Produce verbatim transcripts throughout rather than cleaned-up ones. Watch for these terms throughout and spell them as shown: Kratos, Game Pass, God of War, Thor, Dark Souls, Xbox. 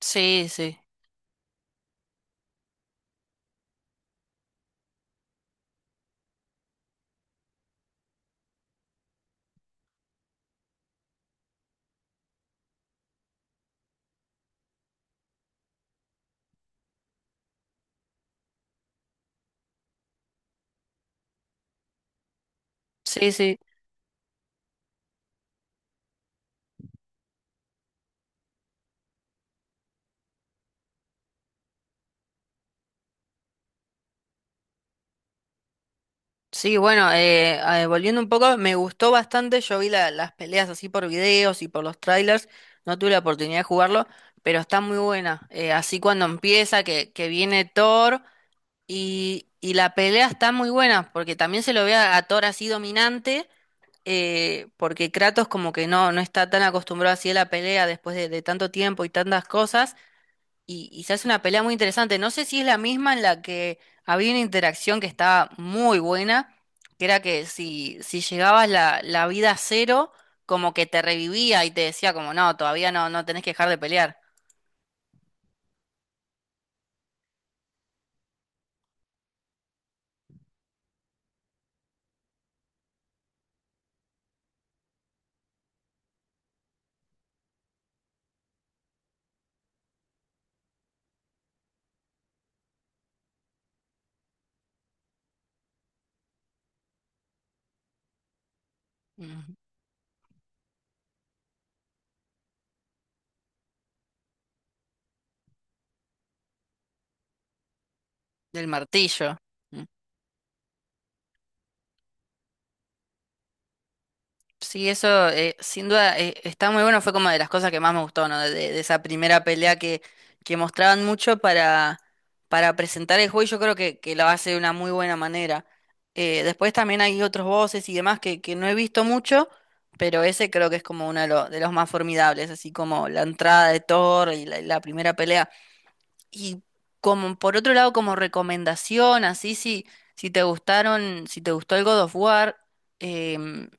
Sí, sí, sí, sí. Sí, bueno, eh, eh, volviendo un poco, me gustó bastante. Yo vi la- las peleas así por videos y por los trailers. No tuve la oportunidad de jugarlo, pero está muy buena. Eh, así cuando empieza, que, que viene Thor y, y la pelea está muy buena, porque también se lo ve a, a Thor así dominante, eh, porque Kratos como que no, no está tan acostumbrado así a la pelea después de, de tanto tiempo y tantas cosas. Y, y se hace una pelea muy interesante. No sé si es la misma en la que había una interacción que estaba muy buena, que era que si, si llegabas la, la vida a cero, como que te revivía y te decía como, no, todavía no, no tenés que dejar de pelear. Mm, Del martillo. Mm. Sí, eso eh, sin duda eh, está muy bueno, fue como de las cosas que más me gustó, ¿no? De, de esa primera pelea que, que mostraban mucho para, para presentar el juego y yo creo que, que lo hace de una muy buena manera. Eh, después también hay otros voces y demás que, que no he visto mucho, pero ese creo que es como uno de, lo- de los más formidables, así como la entrada de Thor y la, la primera pelea. Y como por otro lado, como recomendación, así si, si te gustaron, si te gustó el God of War. em,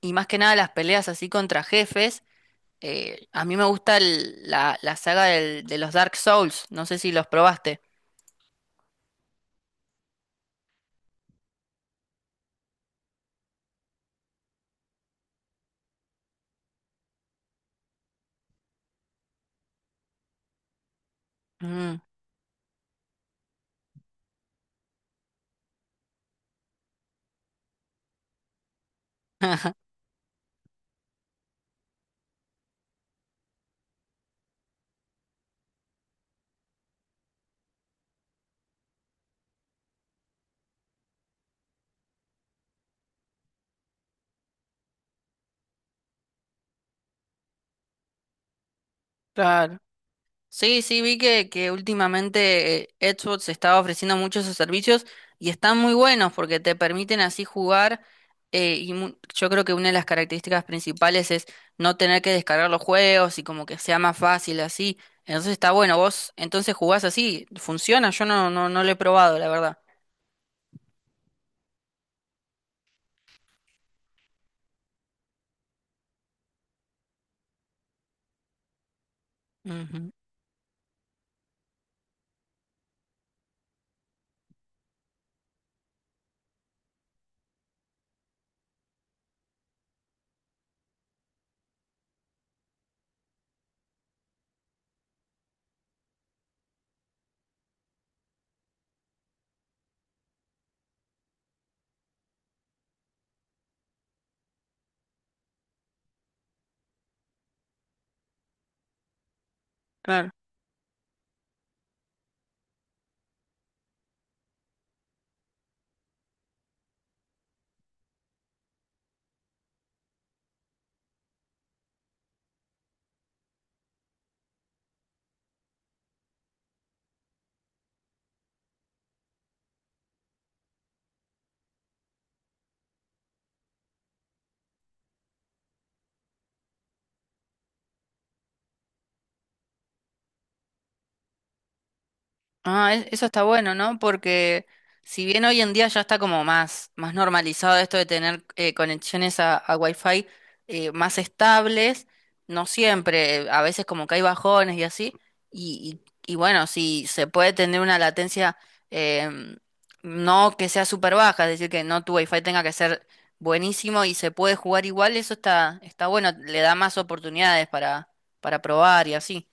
y más que nada las peleas así contra jefes. Eh, a mí me gusta el- la, la saga del- de los Dark Souls. No sé si los probaste. Mm, Claro. Sí, sí, vi que, que últimamente eh, Xbox estaba ofreciendo muchos esos servicios y están muy buenos porque te permiten así jugar eh, y mu- yo creo que una de las características principales es no tener que descargar los juegos y como que sea más fácil así. Entonces está bueno, vos entonces jugás así, funciona, yo no, no, no lo he probado, la verdad. Ujú. Claro. Ah, e- eso está bueno, ¿no? Porque si bien hoy en día ya está como más, más normalizado esto de tener eh, conexiones a, a Wi-Fi eh, más estables, no siempre, a veces como que hay bajones y así, y, y, y bueno, si se puede tener una latencia em, no que sea súper baja, es decir, que no tu Wi-Fi tenga que ser buenísimo y se puede jugar igual, eso está, está bueno, le da más oportunidades para, para probar y así.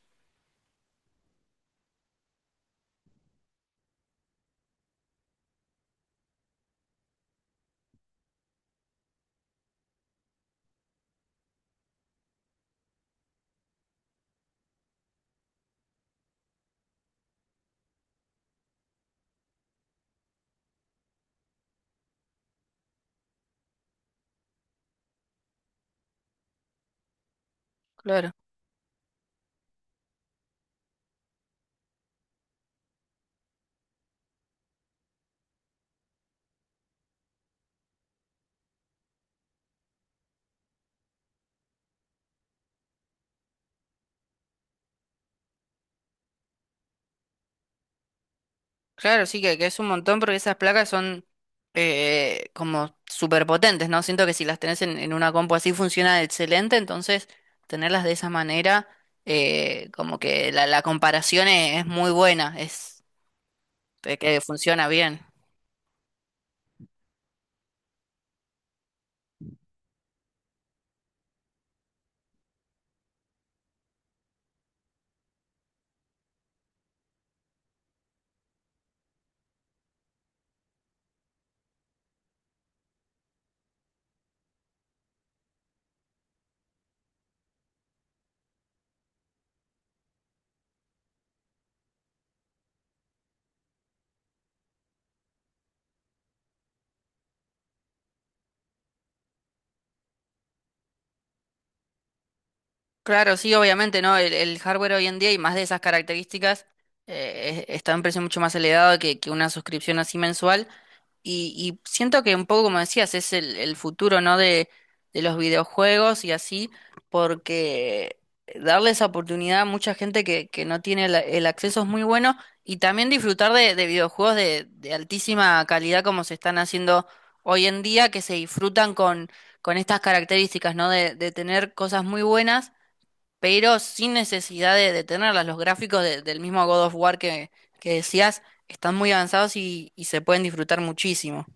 Claro. Claro, sí que, que es un montón porque esas placas son eh, como súper potentes, ¿no? Siento que si las tenés en, en una compu así funciona excelente, entonces tenerlas de esa manera, eh, como que la, la comparación es, es muy buena, es es que funciona bien. Claro, sí, obviamente, ¿no? El, el hardware hoy en día y más de esas características eh, es- está a un precio mucho más elevado que, que una suscripción así mensual. Y, y siento que un poco, como decías, es el, el futuro, ¿no? De, de los videojuegos y así, porque darle esa oportunidad a mucha gente que, que no tiene el, el acceso es muy bueno y también disfrutar de, de videojuegos de, de altísima calidad como se están haciendo hoy en día, que se disfrutan con, con estas características, ¿no? De, de tener cosas muy buenas pero sin necesidad de, de tenerlas. Los gráficos de- del mismo God of War que, que decías están muy avanzados y, y se pueden disfrutar muchísimo.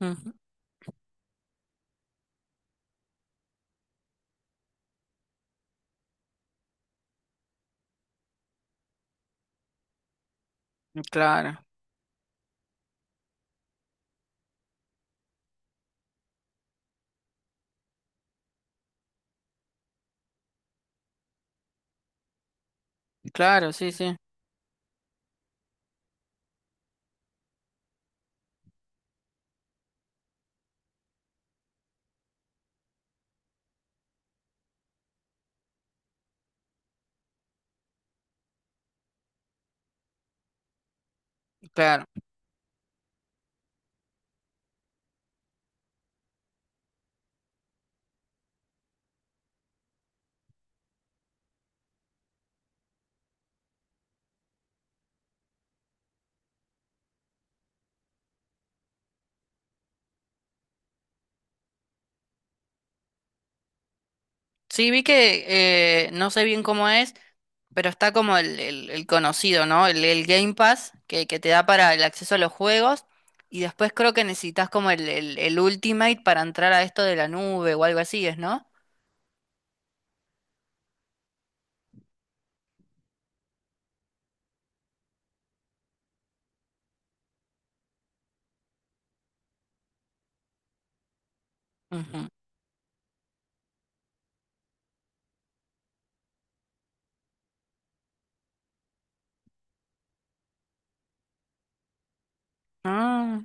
Ujú. Claro, claro, sí, sí, claro. Sí, vi que eh, no sé bien cómo es, pero está como el, el- el conocido, ¿no? El, el Game Pass que, que te da para el acceso a los juegos. Y después creo que necesitas como el, el, el Ultimate para entrar a esto de la nube o algo así, ¿es, no? Ujú. Ah.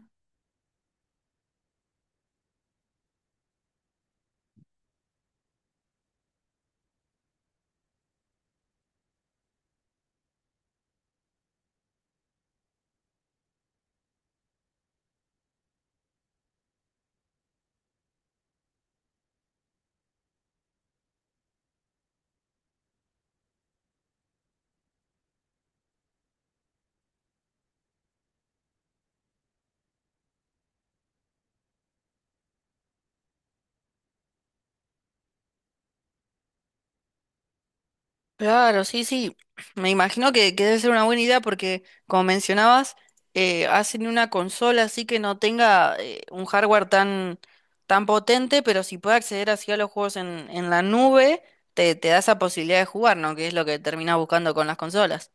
Claro, sí, sí. Me imagino que, que debe ser una buena idea porque, como mencionabas, eh, hacen una consola así que no tenga eh, un hardware tan, tan potente, pero si puede acceder así a los juegos en, en la nube, te, te da esa posibilidad de jugar, ¿no? Que es lo que terminas buscando con las consolas.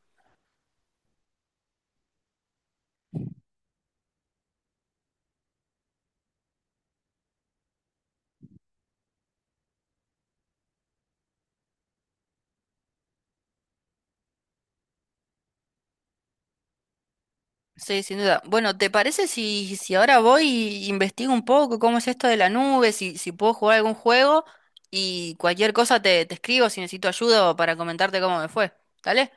Sí, sin duda. Bueno, ¿te parece si, si ahora voy y investigo un poco cómo es esto de la nube, si, si puedo jugar algún juego y cualquier cosa te, te escribo si necesito ayuda o para comentarte cómo me fue? ¿Dale?